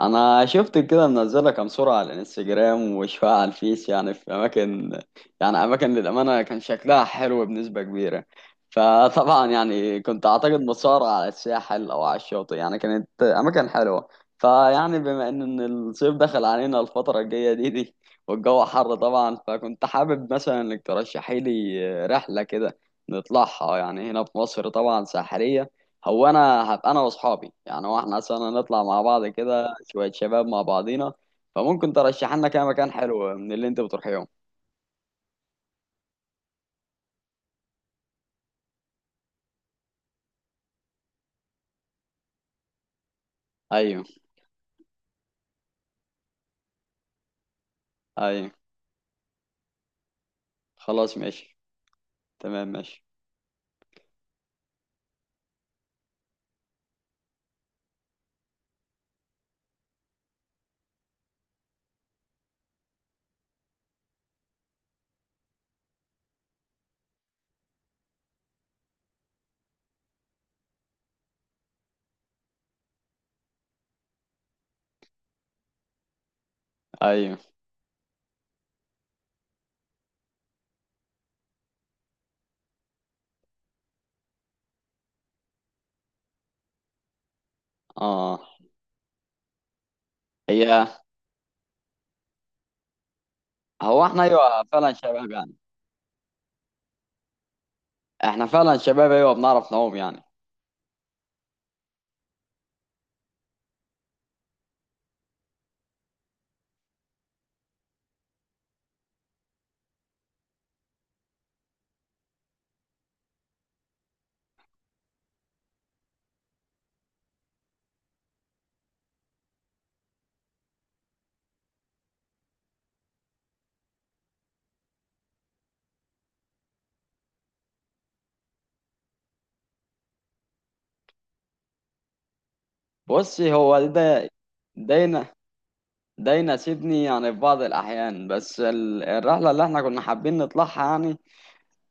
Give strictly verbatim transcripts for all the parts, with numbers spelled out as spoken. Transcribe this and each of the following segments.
انا شفت كده منزله كام صوره على الانستجرام وشويه على الفيس، يعني في اماكن. يعني اماكن للامانه كان شكلها حلو بنسبه كبيره. فطبعا يعني كنت اعتقد متصورة على الساحل او على الشاطئ، يعني كانت اماكن حلوه. فيعني بما ان الصيف دخل علينا الفتره الجايه دي دي والجو حر طبعا، فكنت حابب مثلا انك ترشحي لي رحله كده نطلعها يعني هنا في مصر طبعا ساحليه. هو انا هبقى انا واصحابي، يعني هو احنا مثلا نطلع مع بعض كده شوية شباب مع بعضينا. فممكن ترشح لنا كام مكان حلو من اللي انت بتروحيهم. ايوه. ايوه، خلاص ماشي. تمام ماشي. ايوه. اه. هي. هو احنا ايوه فعلا شباب يعني، احنا فعلا شباب ايوه بنعرف نعوم يعني. بصي، هو ده. ده ده يناسبني يعني في بعض الاحيان، بس ال- الرحلة اللي احنا كنا حابين نطلعها يعني،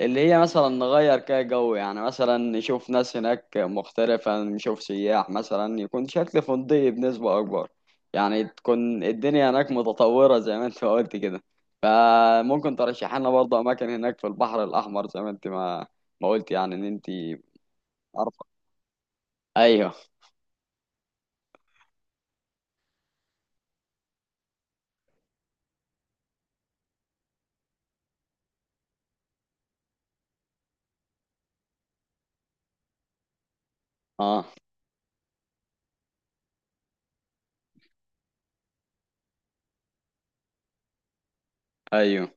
اللي هي مثلا نغير كده جو. يعني مثلا نشوف ناس هناك مختلفة، نشوف سياح، مثلا يكون شكل فندقي بنسبة أكبر. يعني تكون الدنيا هناك متطورة زي ما انت ما قلت كده. فممكن ترشح لنا برضه أماكن هناك في البحر الأحمر زي ما انت ما ما قلت، يعني إن انت عارفة. أيوه. أه. أيوه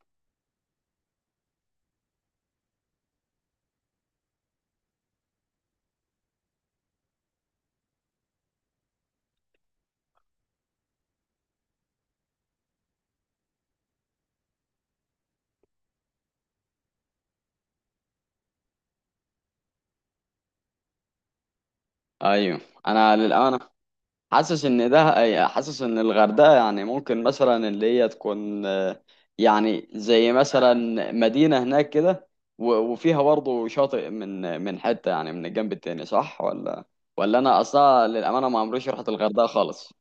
أيوه. أنا للأمانة حاسس ان ده، حاسس ان الغردقه يعني ممكن مثلا اللي هي تكون آه، يعني زي مثلا مدينه هناك كده. و- وفيها برضه شاطئ من من حته، يعني من الجنب التاني، صح ولا؟ ولا انا اصلا للامانه ما عمريش رحت الغردقه خالص.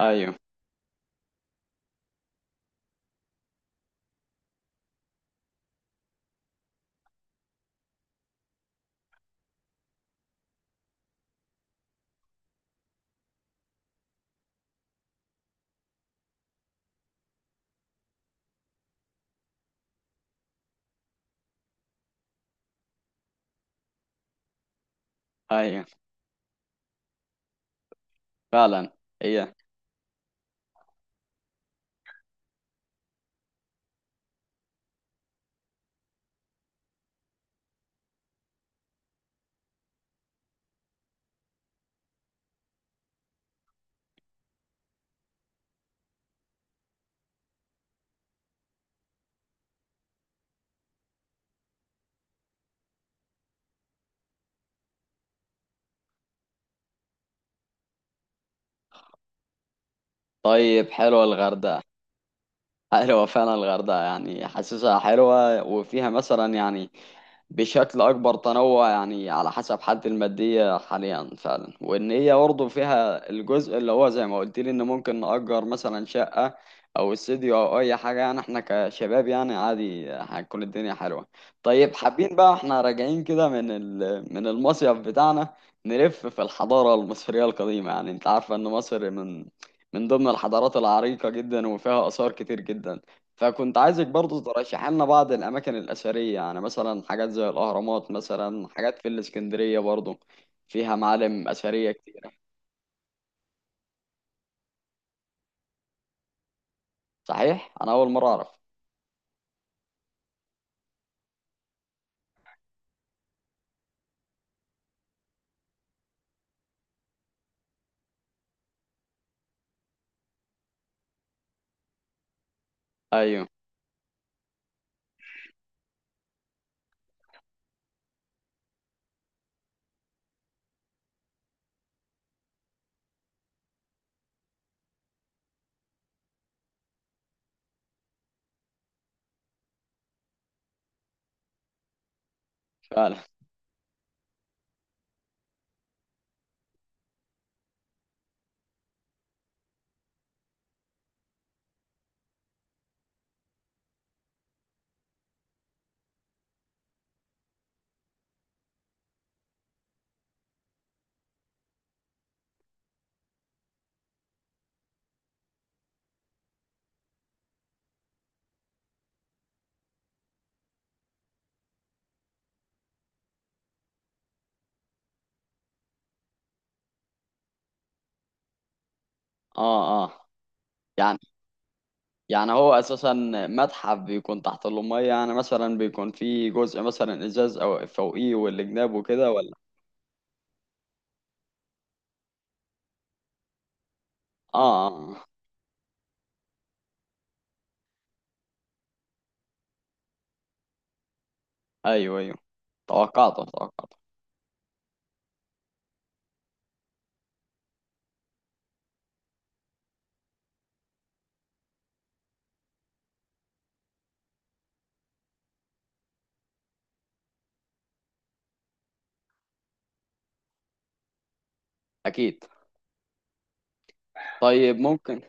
ايوه. ايوه فعلا. هي. طيب حلوه الغردقه. حلوه فعلا الغردقه، يعني حاسسها حلوه وفيها مثلا يعني بشكل أكبر تنوع، يعني على حسب حالتي المادية حاليا فعلا، وإن هي برضه فيها الجزء اللي هو زي ما قلت لي إن ممكن نأجر مثلا شقة أو استديو أو أي حاجة. يعني إحنا كشباب يعني عادي، هتكون الدنيا حلوة. طيب حابين بقى إحنا راجعين كده من ال- من المصيف بتاعنا نلف في الحضارة المصرية القديمة. يعني أنت عارفة إن مصر من من ضمن الحضارات العريقة جدا وفيها آثار كتير جدا. فكنت عايزك برضه ترشح لنا بعض الأماكن الأثرية، يعني مثلا حاجات زي الأهرامات مثلا، حاجات في الإسكندرية برضه فيها معالم أثرية كتيرة. صحيح؟ أنا أول مرة أعرف. أيوه فعلا. آه آه. يعني يعني هو أساسا متحف بيكون تحت المية؟ يعني مثلا بيكون فيه جزء مثلا إزاز أو فوقيه والجناب وكده، ولا؟ آه آه آه. أيوه أيوه، توقعته توقعته. أكيد. طيب ممكن،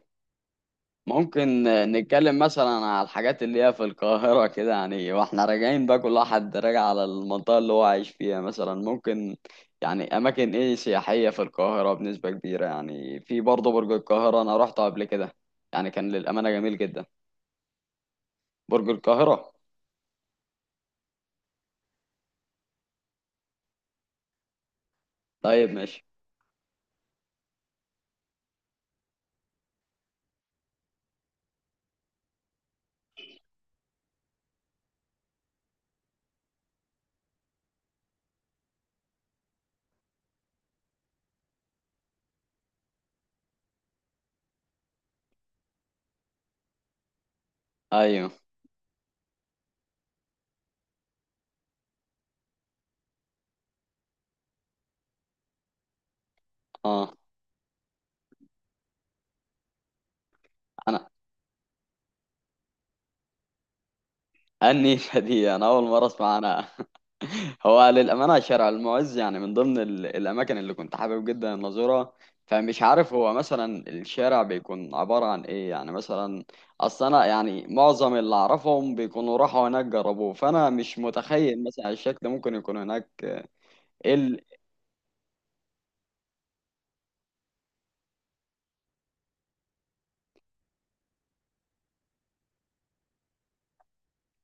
ممكن نتكلم مثلا على الحاجات اللي هي في القاهرة كده، يعني واحنا راجعين بقى كل واحد راجع على المنطقة اللي هو عايش فيها. مثلا ممكن يعني أماكن إيه سياحية في القاهرة بنسبة كبيرة. يعني في برضه برج القاهرة أنا روحته قبل كده، يعني كان للأمانة جميل جدا. برج القاهرة. طيب ماشي. أيوه. أه. أنا. النيشة دي أنا أول مرة أسمع عنها. هو للأمانة شارع المعز يعني من ضمن ال- الأماكن اللي كنت حابب جدا إن أزورها، فمش عارف هو مثلا الشارع بيكون عبارة عن إيه يعني مثلا. أصل أنا يعني معظم اللي أعرفهم بيكونوا راحوا هناك جربوه، فأنا مش متخيل مثلا الشكل ممكن يكون هناك إيه ال...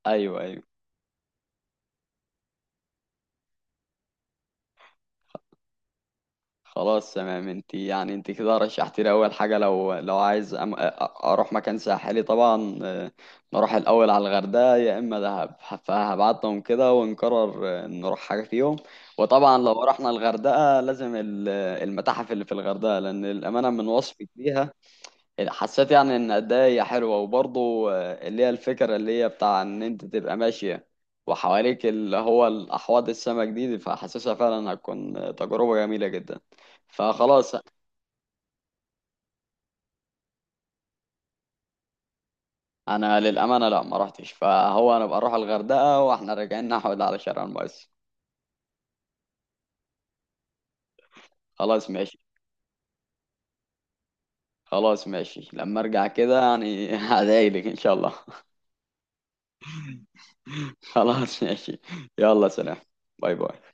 أيوه أيوه. خلاص تمام، انت يعني انت كده رشحت لي اول حاجه لو لو عايز أم... أ- اروح مكان ساحلي طبعا آه، نروح الاول على الغردقه يا اما دهب، فهبعتهم كده ونقرر آه، نروح حاجه فيهم. وطبعا لو رحنا الغردقه لازم ال- المتاحف اللي في الغردقه، لان الامانه من وصفك ليها حسيت يعني ان قد ايه هي حلوه. وبرضه آه، اللي هي الفكره اللي هي بتاع ان انت تبقى ماشيه وحواليك اللي هو الاحواض السمك دي دي، فحاسسها فعلا هتكون آه، تجربه جميله جدا. فخلاص، انا للامانه لا ما رحتش. فهو انا بقى اروح الغردقه، واحنا راجعين نحود على شارع المقص. خلاص ماشي. خلاص ماشي، لما ارجع كده يعني هدايلك ان شاء الله. خلاص ماشي. يلا سلام. باي باي.